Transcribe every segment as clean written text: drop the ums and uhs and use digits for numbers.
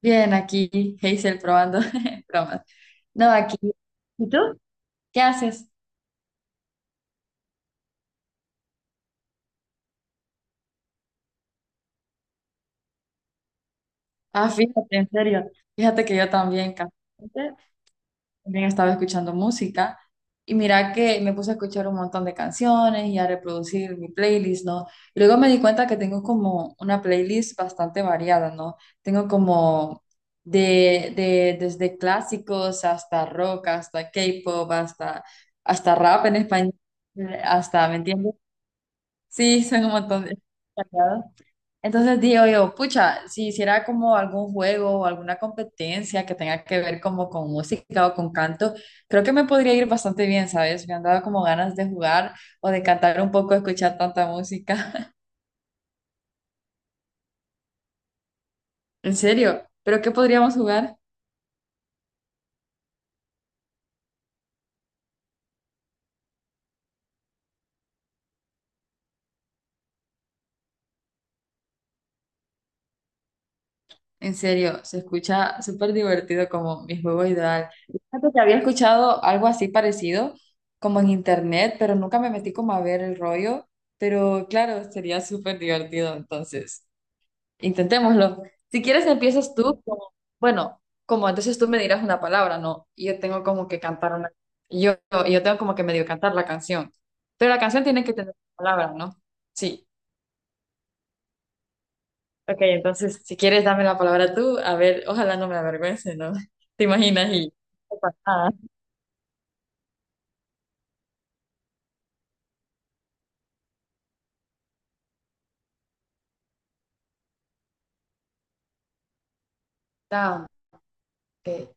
Bien, aquí Hazel probando bromas. No, aquí. ¿Y tú? ¿Qué haces? Ah, fíjate, en serio. Fíjate que yo también, casualmente, también estaba escuchando música y mira que me puse a escuchar un montón de canciones y a reproducir mi playlist, ¿no? Y luego me di cuenta que tengo como una playlist bastante variada, ¿no? Tengo como de desde clásicos hasta rock, hasta K-pop, hasta, hasta rap en español, hasta, ¿me entiendes? Sí, son un montón de... Sagrado. Entonces digo yo, pucha, si hiciera como algún juego o alguna competencia que tenga que ver como con música o con canto, creo que me podría ir bastante bien, ¿sabes? Me han dado como ganas de jugar o de cantar un poco, escuchar tanta música. En serio, ¿pero qué podríamos jugar? En serio, se escucha súper divertido como mi juego ideal. Fíjate que había escuchado algo así parecido, como en internet, pero nunca me metí como a ver el rollo. Pero claro, sería súper divertido, entonces, intentémoslo. Si quieres, empiezas tú. Bueno, como entonces tú me dirás una palabra, ¿no? Y yo tengo como que cantar una... Yo, yo tengo como que medio cantar la canción. Pero la canción tiene que tener palabras, ¿no? Sí. Ok, entonces, si quieres, dame la palabra tú. A ver, ojalá no me avergüence, ¿no? ¿Te imaginas? Y... no pasa nada. Down. Okay.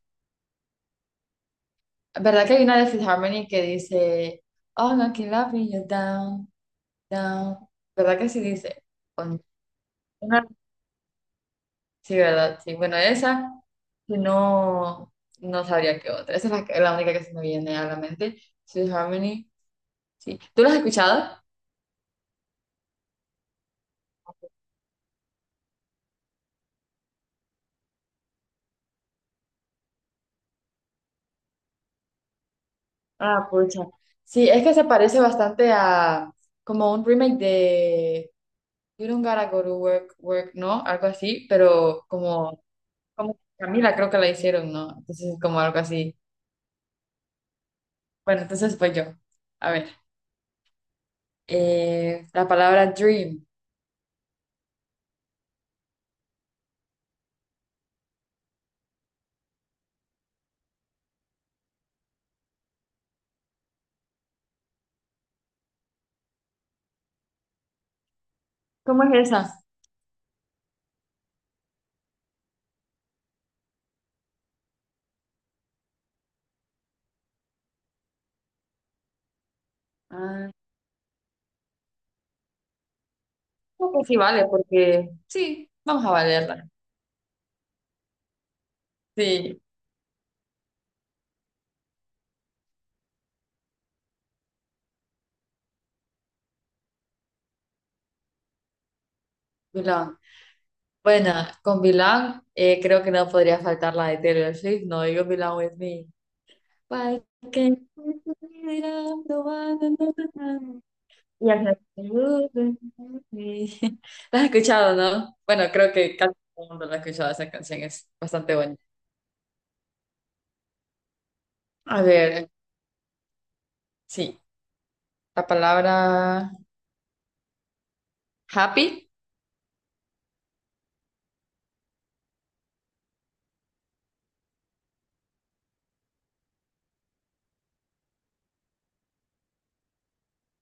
¿Verdad que hay una de Fifth Harmony que dice, oh, no, can love me, you're down, down? ¿Verdad que sí dice? On- Una- Sí, ¿verdad? Sí. Bueno, esa si no, no sabría qué otra. Esa es la única que se me viene a la mente. Fifth Harmony. Sí. ¿Tú la has escuchado? Ah, pucha. Sí, es que se parece bastante a como un remake: You don't gotta go to work, work, ¿no? Algo así, pero como, como Camila creo que la hicieron, ¿no? Entonces, como algo así. Bueno, entonces pues yo. A ver, la palabra dream. ¿Cómo es esa? Ah, creo que sí vale, porque sí, vamos a valerla. Sí, Vilán. Bueno, con Vilán creo que no podría faltar la de Taylor Swift, no digo Vilán with me. Why can't you be around the one and not the... Y hace- ¿La has escuchado, no? Bueno, creo que casi todo el mundo la ha escuchado, esa canción es bastante bonita. A ver, sí, la palabra happy,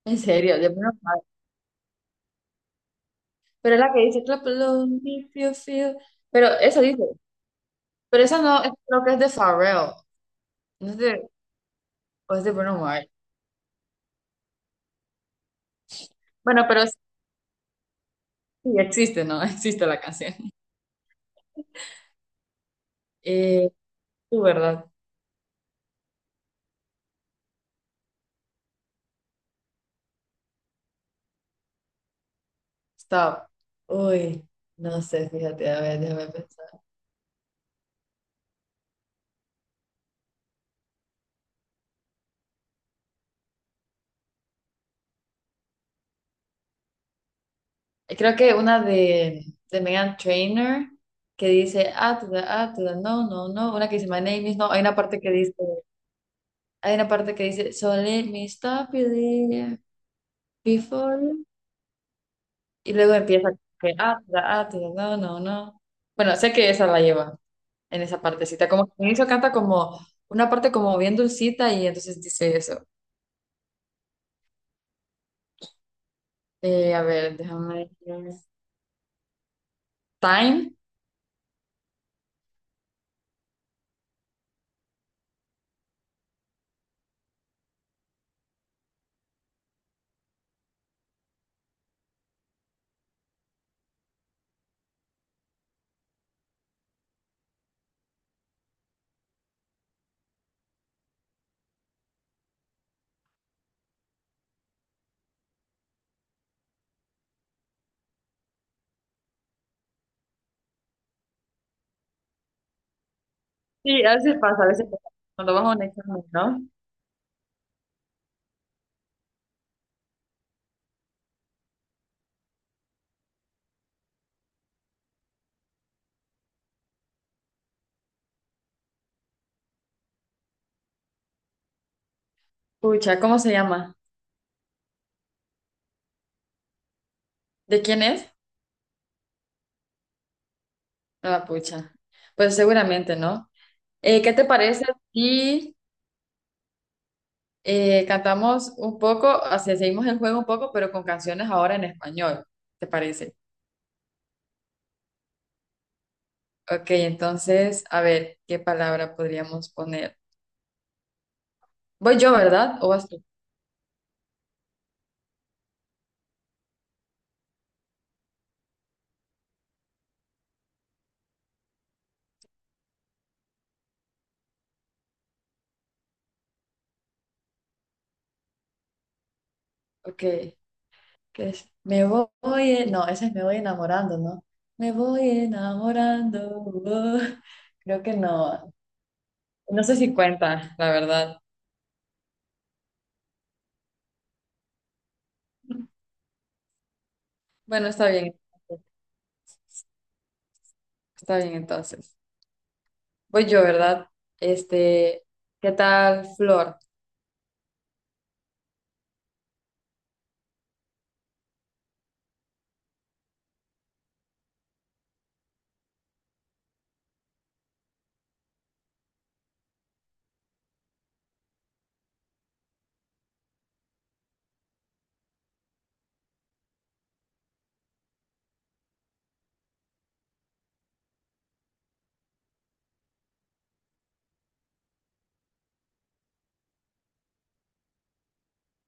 en serio, de menos mal. Pero es la que dice clap along if you feel. Pero esa dice, pero esa no, creo que es de Pharrell, no es de, o es de Bruno Mars. Bueno, pero sí sí existe, ¿no? Existe la canción. Eh, tú, ¿verdad? Stop. Uy, no sé, fíjate, a ver, déjame pensar. Creo que una de Meghan Trainor que dice, ah, to the- no, no, no. Una que dice, my name is, no. Hay una parte que dice, so let me stop you there before. Y luego empieza, que, ah, to the- no, no, no. Bueno, sé que esa la lleva en esa partecita. Como que al inicio canta como una parte como bien dulcita y entonces dice eso. A ver, déjame. Ver. Time. Sí, a veces pasa, a veces pasa. Cuando vas a un examen, ¿no? Pucha, ¿cómo se llama? ¿De quién es? Ah, pucha. Pues seguramente, ¿no? ¿Qué te parece si cantamos un poco, o sea, seguimos el juego un poco, pero con canciones ahora en español? ¿Te parece? Ok, entonces, a ver, ¿qué palabra podríamos poner? Voy yo, ¿verdad? ¿O vas tú? Ok, ¿qué es? Me voy, no, ese es me voy enamorando, ¿no? Me voy enamorando. Oh. Creo que no. No sé si cuenta, la verdad. Bueno, está bien. Está bien entonces. Voy yo, ¿verdad? Este, ¿qué tal, Flor?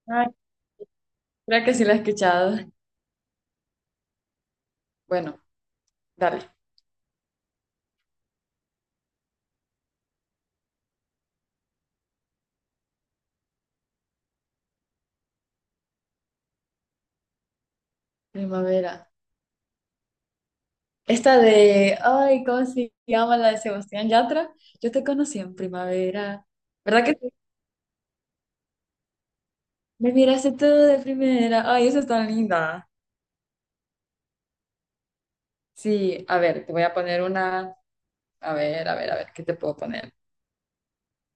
Ay, creo que sí la he escuchado. Bueno, dale. Primavera. Esta de, ay, ¿cómo se llama la de Sebastián Yatra? Yo te conocí en primavera. ¿Verdad que sí? Me miraste tú de primera. Ay, esa es tan linda. Sí, a ver, te voy a poner una. A ver, a ver, a ver, ¿qué te puedo poner?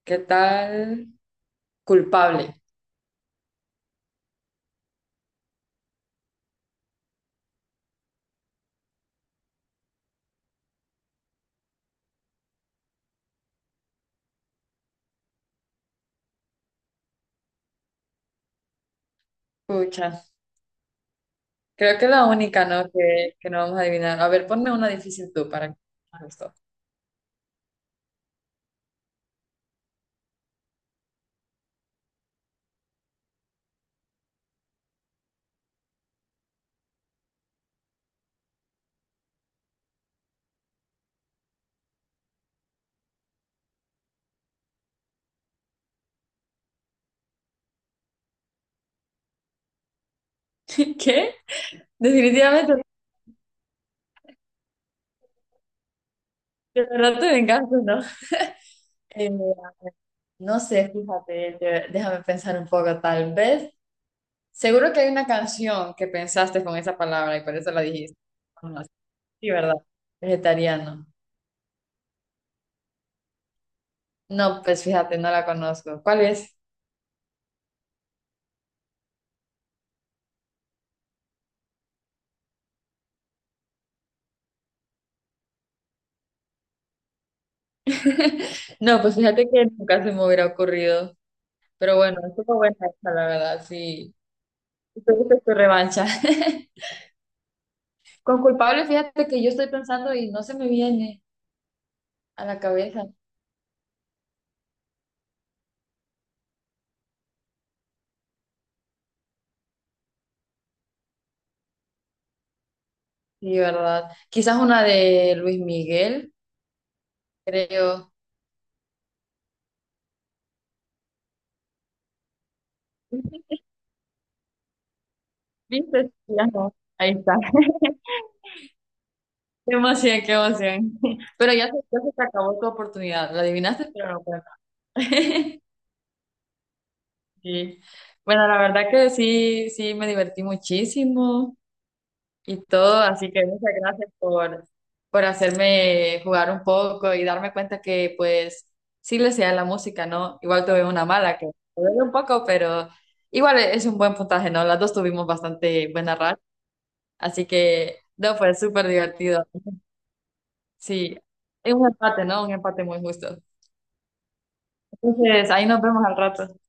¿Qué tal? Culpable. Pucha, creo que la única, ¿no? Que no vamos a adivinar. A ver, ponme una difícil tú para que ¿Qué? Definitivamente, de verdad te vengaste, ¿no? Eh, no sé, fíjate, déjame pensar un poco, tal vez. Seguro que hay una canción que pensaste con esa palabra y por eso la dijiste. No, sí, ¿verdad? Vegetariano. No, pues fíjate, no la conozco. ¿Cuál es? No, pues fíjate que nunca se me hubiera ocurrido. Pero bueno, estuvo buena esta, la verdad, sí. Tuviste tu revancha. Con culpable, fíjate que yo estoy pensando y no se me viene a la cabeza. Sí, ¿verdad? Quizás una de Luis Miguel, creo. ¿Viste? Ya no. Ahí está. Qué emoción, qué emoción. Pero ya se te acabó tu oportunidad. La adivinaste, pero no cuenta. Sí. Bueno, la verdad que sí, sí, me divertí muchísimo. Y todo. Así que muchas gracias por hacerme jugar un poco y darme cuenta que pues sí le sea la música, ¿no? Igual tuve una mala que me duele un poco, pero igual es un buen puntaje, ¿no? Las dos tuvimos bastante buena racha, así que no, fue súper divertido. Sí, es un empate, ¿no? Un empate muy justo. Entonces, ahí nos vemos al rato.